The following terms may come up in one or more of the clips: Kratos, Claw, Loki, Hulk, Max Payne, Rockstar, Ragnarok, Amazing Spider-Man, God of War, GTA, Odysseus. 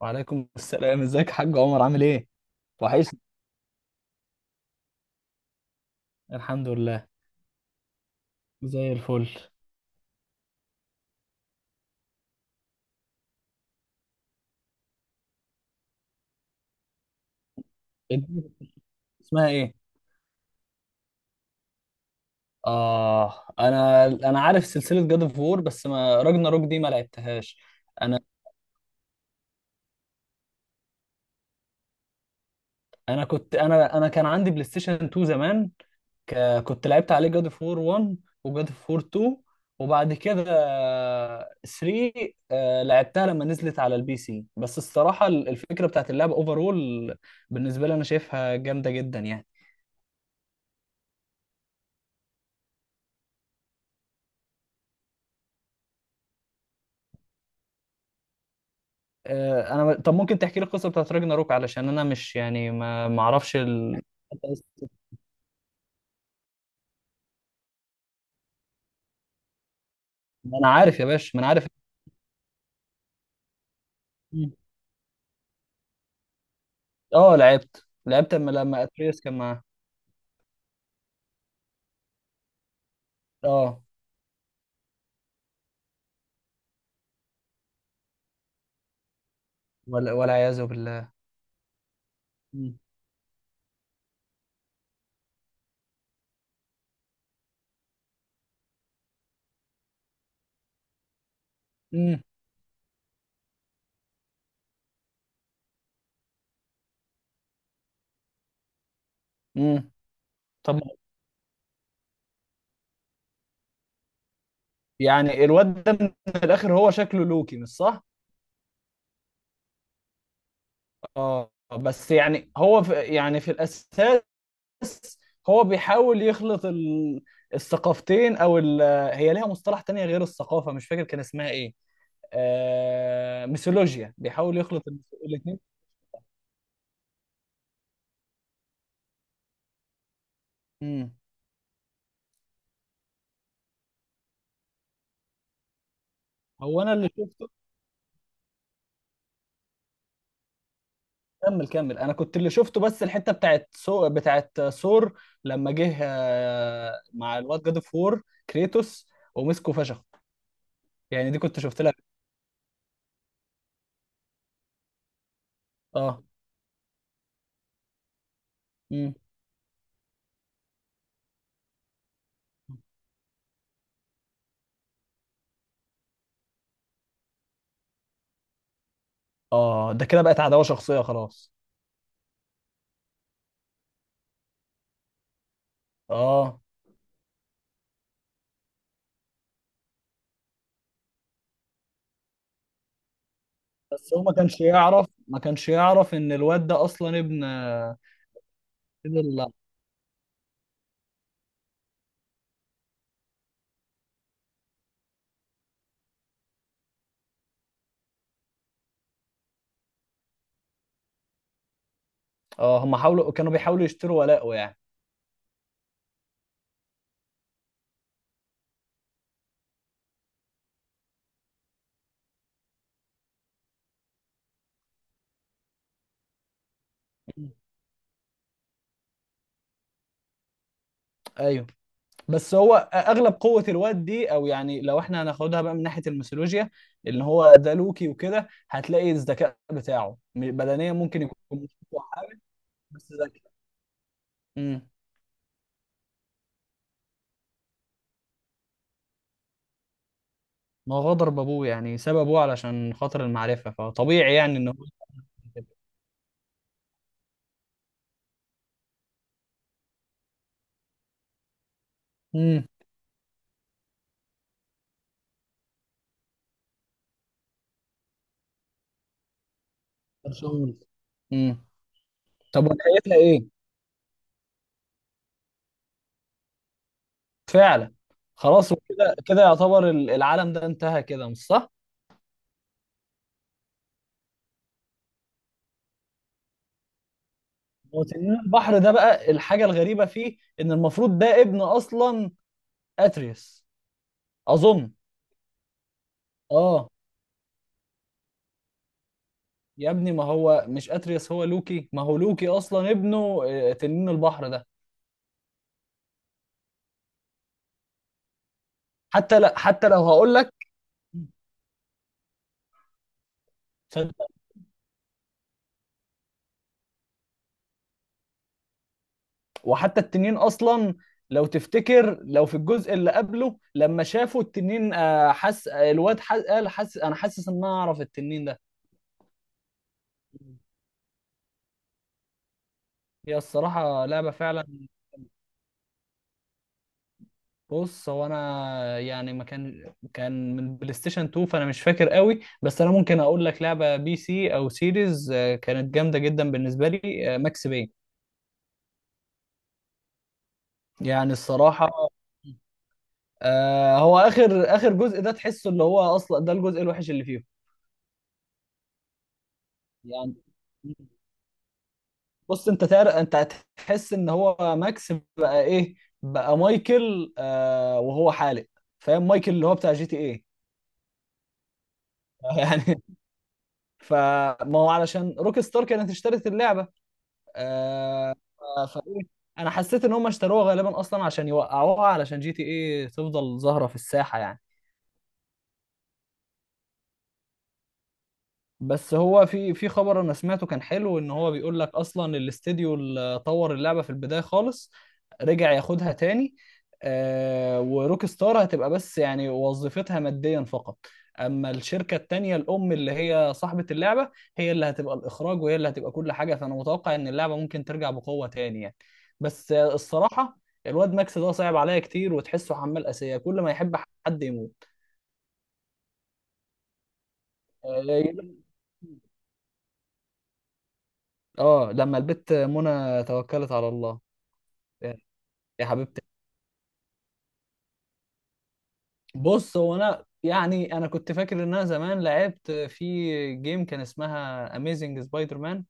وعليكم السلام، ازيك يا حاج عمر؟ عامل ايه؟ وحشني. الحمد لله. زي الفل. الدنيا. اسمها ايه؟ اه، انا عارف سلسله جاد اوف وور، بس ما راجنا روك دي ما لعبتهاش. انا. انا كنت انا انا كان عندي بلاي ستيشن 2 زمان. ك... كنت لعبت عليه جاد اوف وور 1، وجاد اوف وور 2، وبعد كده 3. لعبتها لما نزلت على البي سي، بس الصراحه الفكره بتاعت اللعبه اوفرول بالنسبه لي انا شايفها جامده جدا يعني. انا طب ممكن تحكي لي القصه بتاعت راجناروك؟ علشان انا مش يعني ما اعرفش ما انا عارف يا باشا، ما انا عارف. مم. اه، لعبت لما اتريس كان معاه. اه، ولا والعياذ بالله. مم. مم. مم. طب، يعني الواد ده من الاخر هو شكله لوكي، مش صح؟ اه، بس يعني هو في يعني في الاساس هو بيحاول يخلط الثقافتين، او هي ليها مصطلح تاني غير الثقافه، مش فاكر كان اسمها ايه. آه، ميثولوجيا. بيحاول يخلط الاثنين. امم. هو انا اللي شفته. كمل كمل، انا كنت اللي شفته، بس الحته بتاعت سو بتاعت ثور لما جه، مع الواد جاد اوف وور كريتوس، ومسكه فشخ. يعني دي كنت شفت لها. اه. امم. اه، ده كده بقت عداوه شخصيه خلاص. اه، بس هو ما كانش يعرف، ما كانش يعرف ان الواد ده اصلا ابن، ابن اه، هم حاولوا، كانوا بيحاولوا يشتروا ولاءه يعني. مم. ايوه. بس هو اغلب قوه الواد دي، او يعني لو احنا هناخدها بقى من ناحيه الميثولوجيا، اللي هو ده لوكي وكده، هتلاقي الذكاء بتاعه بدنيا ممكن يكون مش أقوى حاجه. بس ذكي. امم. ما هو غدر بابوه، يعني ساب ابوه علشان خاطر المعرفه، فطبيعي يعني ان هو. امم. برشلونة. امم. طب، ونهايتها ايه؟ فعلا. خلاص، وكده كده يعتبر العالم ده انتهى كده، مش صح؟ هو تنين البحر ده بقى الحاجه الغريبه فيه، ان المفروض ده ابن اصلا اتريس، اظن. اه. يا ابني، ما هو مش اتريس، هو لوكي، ما هو لوكي اصلا ابنه، تنين البحر ده. حتى لا، حتى لو هقول لك، صدق. وحتى التنين اصلا، لو تفتكر، لو في الجزء اللي قبله لما شافوا التنين، حس، الواد حس، قال حس انا حاسس ان انا اعرف التنين ده. هي الصراحة لعبة فعلا. بص، هو انا يعني ما كان من بلاي ستيشن 2، فانا مش فاكر قوي، بس انا ممكن اقول لك لعبه بي سي او سيريز، كانت جامده جدا بالنسبه لي، ماكس بين. يعني الصراحه، هو اخر اخر جزء ده تحسه اللي هو اصلا ده الجزء الوحش اللي فيه، يعني. بص، انت انت هتحس ان هو ماكس بقى ايه؟ بقى مايكل، وهو حالق. فاهم؟ مايكل اللي هو بتاع GTA. يعني فما هو علشان روك ستار كانت اشترت اللعبه. آه. فايه؟ انا حسيت ان هم اشتروها غالبا اصلا عشان يوقعوها، علشان GTA تفضل ظاهره في الساحه يعني. بس هو في خبر انا سمعته كان حلو، ان هو بيقول لك اصلا الاستديو اللي طور اللعبه في البدايه خالص رجع ياخدها تاني. آه. وروك ستار هتبقى بس يعني وظيفتها ماديا فقط، اما الشركه التانيه الام اللي هي صاحبه اللعبه هي اللي هتبقى الاخراج، وهي اللي هتبقى كل حاجه. فانا متوقع ان اللعبه ممكن ترجع بقوه تاني يعني. بس الصراحه الواد ماكس ده صعب عليا كتير، وتحسه حمال اسيه، كل ما يحب حد يموت. اه. لما البت منى توكلت على الله، يا حبيبتي. بص، هو انا يعني انا كنت فاكر ان انا زمان لعبت في جيم كان اسمها اميزنج سبايدر مان.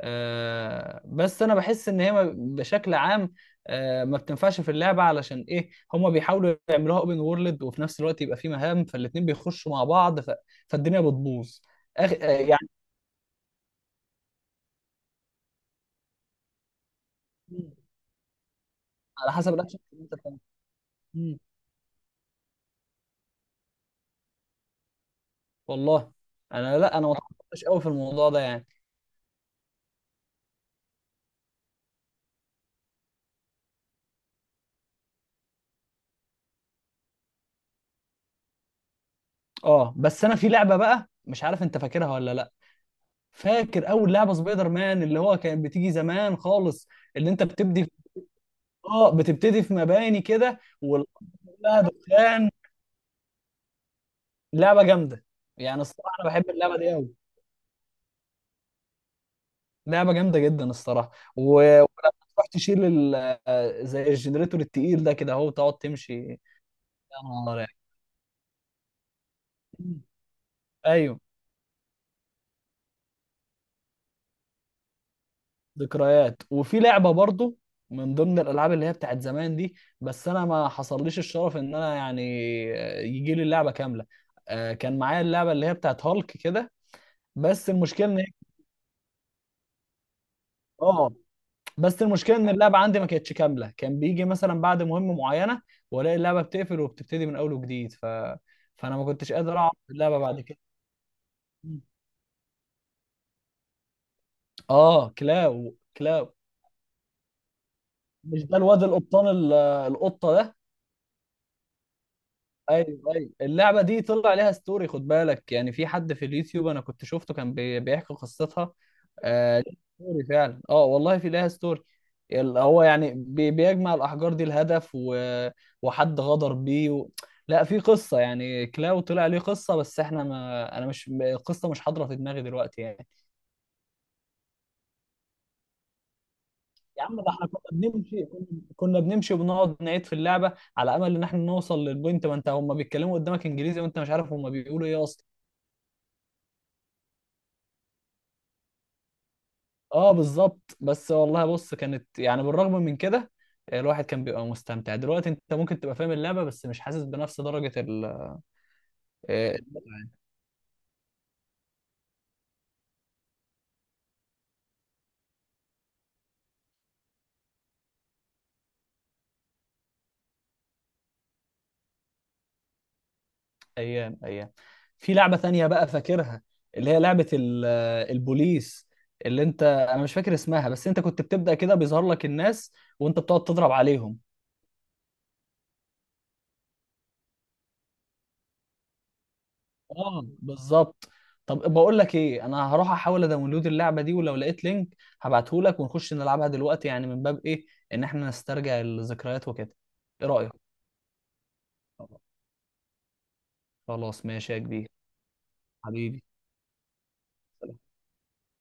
آه، بس انا بحس ان هي بشكل عام، ما بتنفعش في اللعبه. علشان ايه؟ هما بيحاولوا يعملوها اوبن وورلد وفي نفس الوقت يبقى في مهام، فالاتنين بيخشوا مع بعض، فالدنيا بتبوظ. يعني على حسب الاكشن اللي انت بتعمله. مم. والله. انا، لا، انا ما اتعمقتش قوي في الموضوع ده يعني. اه، بس انا في لعبه بقى مش عارف انت فاكرها ولا لا. فاكر اول لعبه سبايدر مان اللي هو كانت بتيجي زمان خالص، اللي انت اه، بتبتدي في مباني كده، والارض كلها دخان. لعبه جامده. يعني الصراحه انا بحب اللعبه دي قوي، لعبه جامده جدا الصراحه. ولما تروح تشيل زي الجنريتور التقيل ده كده، اهو تقعد تمشي يا نهار يعني. ايوه. ذكريات. وفي لعبه برضو من ضمن الالعاب اللي هي بتاعت زمان دي، بس انا ما حصلليش الشرف ان انا يعني، يجي لي اللعبه كامله. كان معايا اللعبه اللي هي بتاعت هالك كده، بس المشكله ان، اه، بس المشكله ان اللعبه عندي ما كانتش كامله، كان بيجي مثلا بعد مهمه معينه والاقي اللعبه بتقفل وبتبتدي من اول وجديد، فانا ما كنتش قادر اعرف اللعبه بعد كده. اه. كلاو كلاو. مش ده الواد القبطان القطه ده. ايوه. ايوه، اللعبه دي طلع عليها ستوري، خد بالك. يعني في حد في اليوتيوب انا كنت شفته كان بيحكي قصتها. آه ليها ستوري فعلا. اه والله، في لها ستوري. هو يعني بيجمع الاحجار دي الهدف، وحد غدر بيه، لا، في قصه يعني، كلاو طلع ليه قصه، بس احنا، ما انا مش، القصه مش حاضره في دماغي دلوقتي يعني. يا عم، ده احنا كنا بنمشي، كنا كنا بنمشي وبنقعد نعيد في اللعبه على امل ان احنا نوصل للبوينت، ما انت هم بيتكلموا قدامك انجليزي وانت مش عارف هم بيقولوا ايه اصلا. اه، بالظبط. بس والله، بص، كانت يعني بالرغم من كده الواحد كان بيبقى مستمتع. دلوقتي انت ممكن تبقى فاهم اللعبة بس مش حاسس بنفس درجة ال. آه، ايام ايام. في لعبة تانية بقى فاكرها، اللي هي لعبة البوليس، اللي انا مش فاكر اسمها، بس انت كنت بتبدأ كده بيظهر لك الناس، وانت بتقعد تضرب عليهم. اه، بالظبط. طب، بقول لك ايه، انا هروح احاول ادونلود اللعبه دي، ولو لقيت لينك هبعته لك، ونخش نلعبها دلوقتي يعني من باب ايه؟ ان احنا نسترجع الذكريات وكده. ايه رايك؟ خلاص، ماشي يا كبير. حبيبي.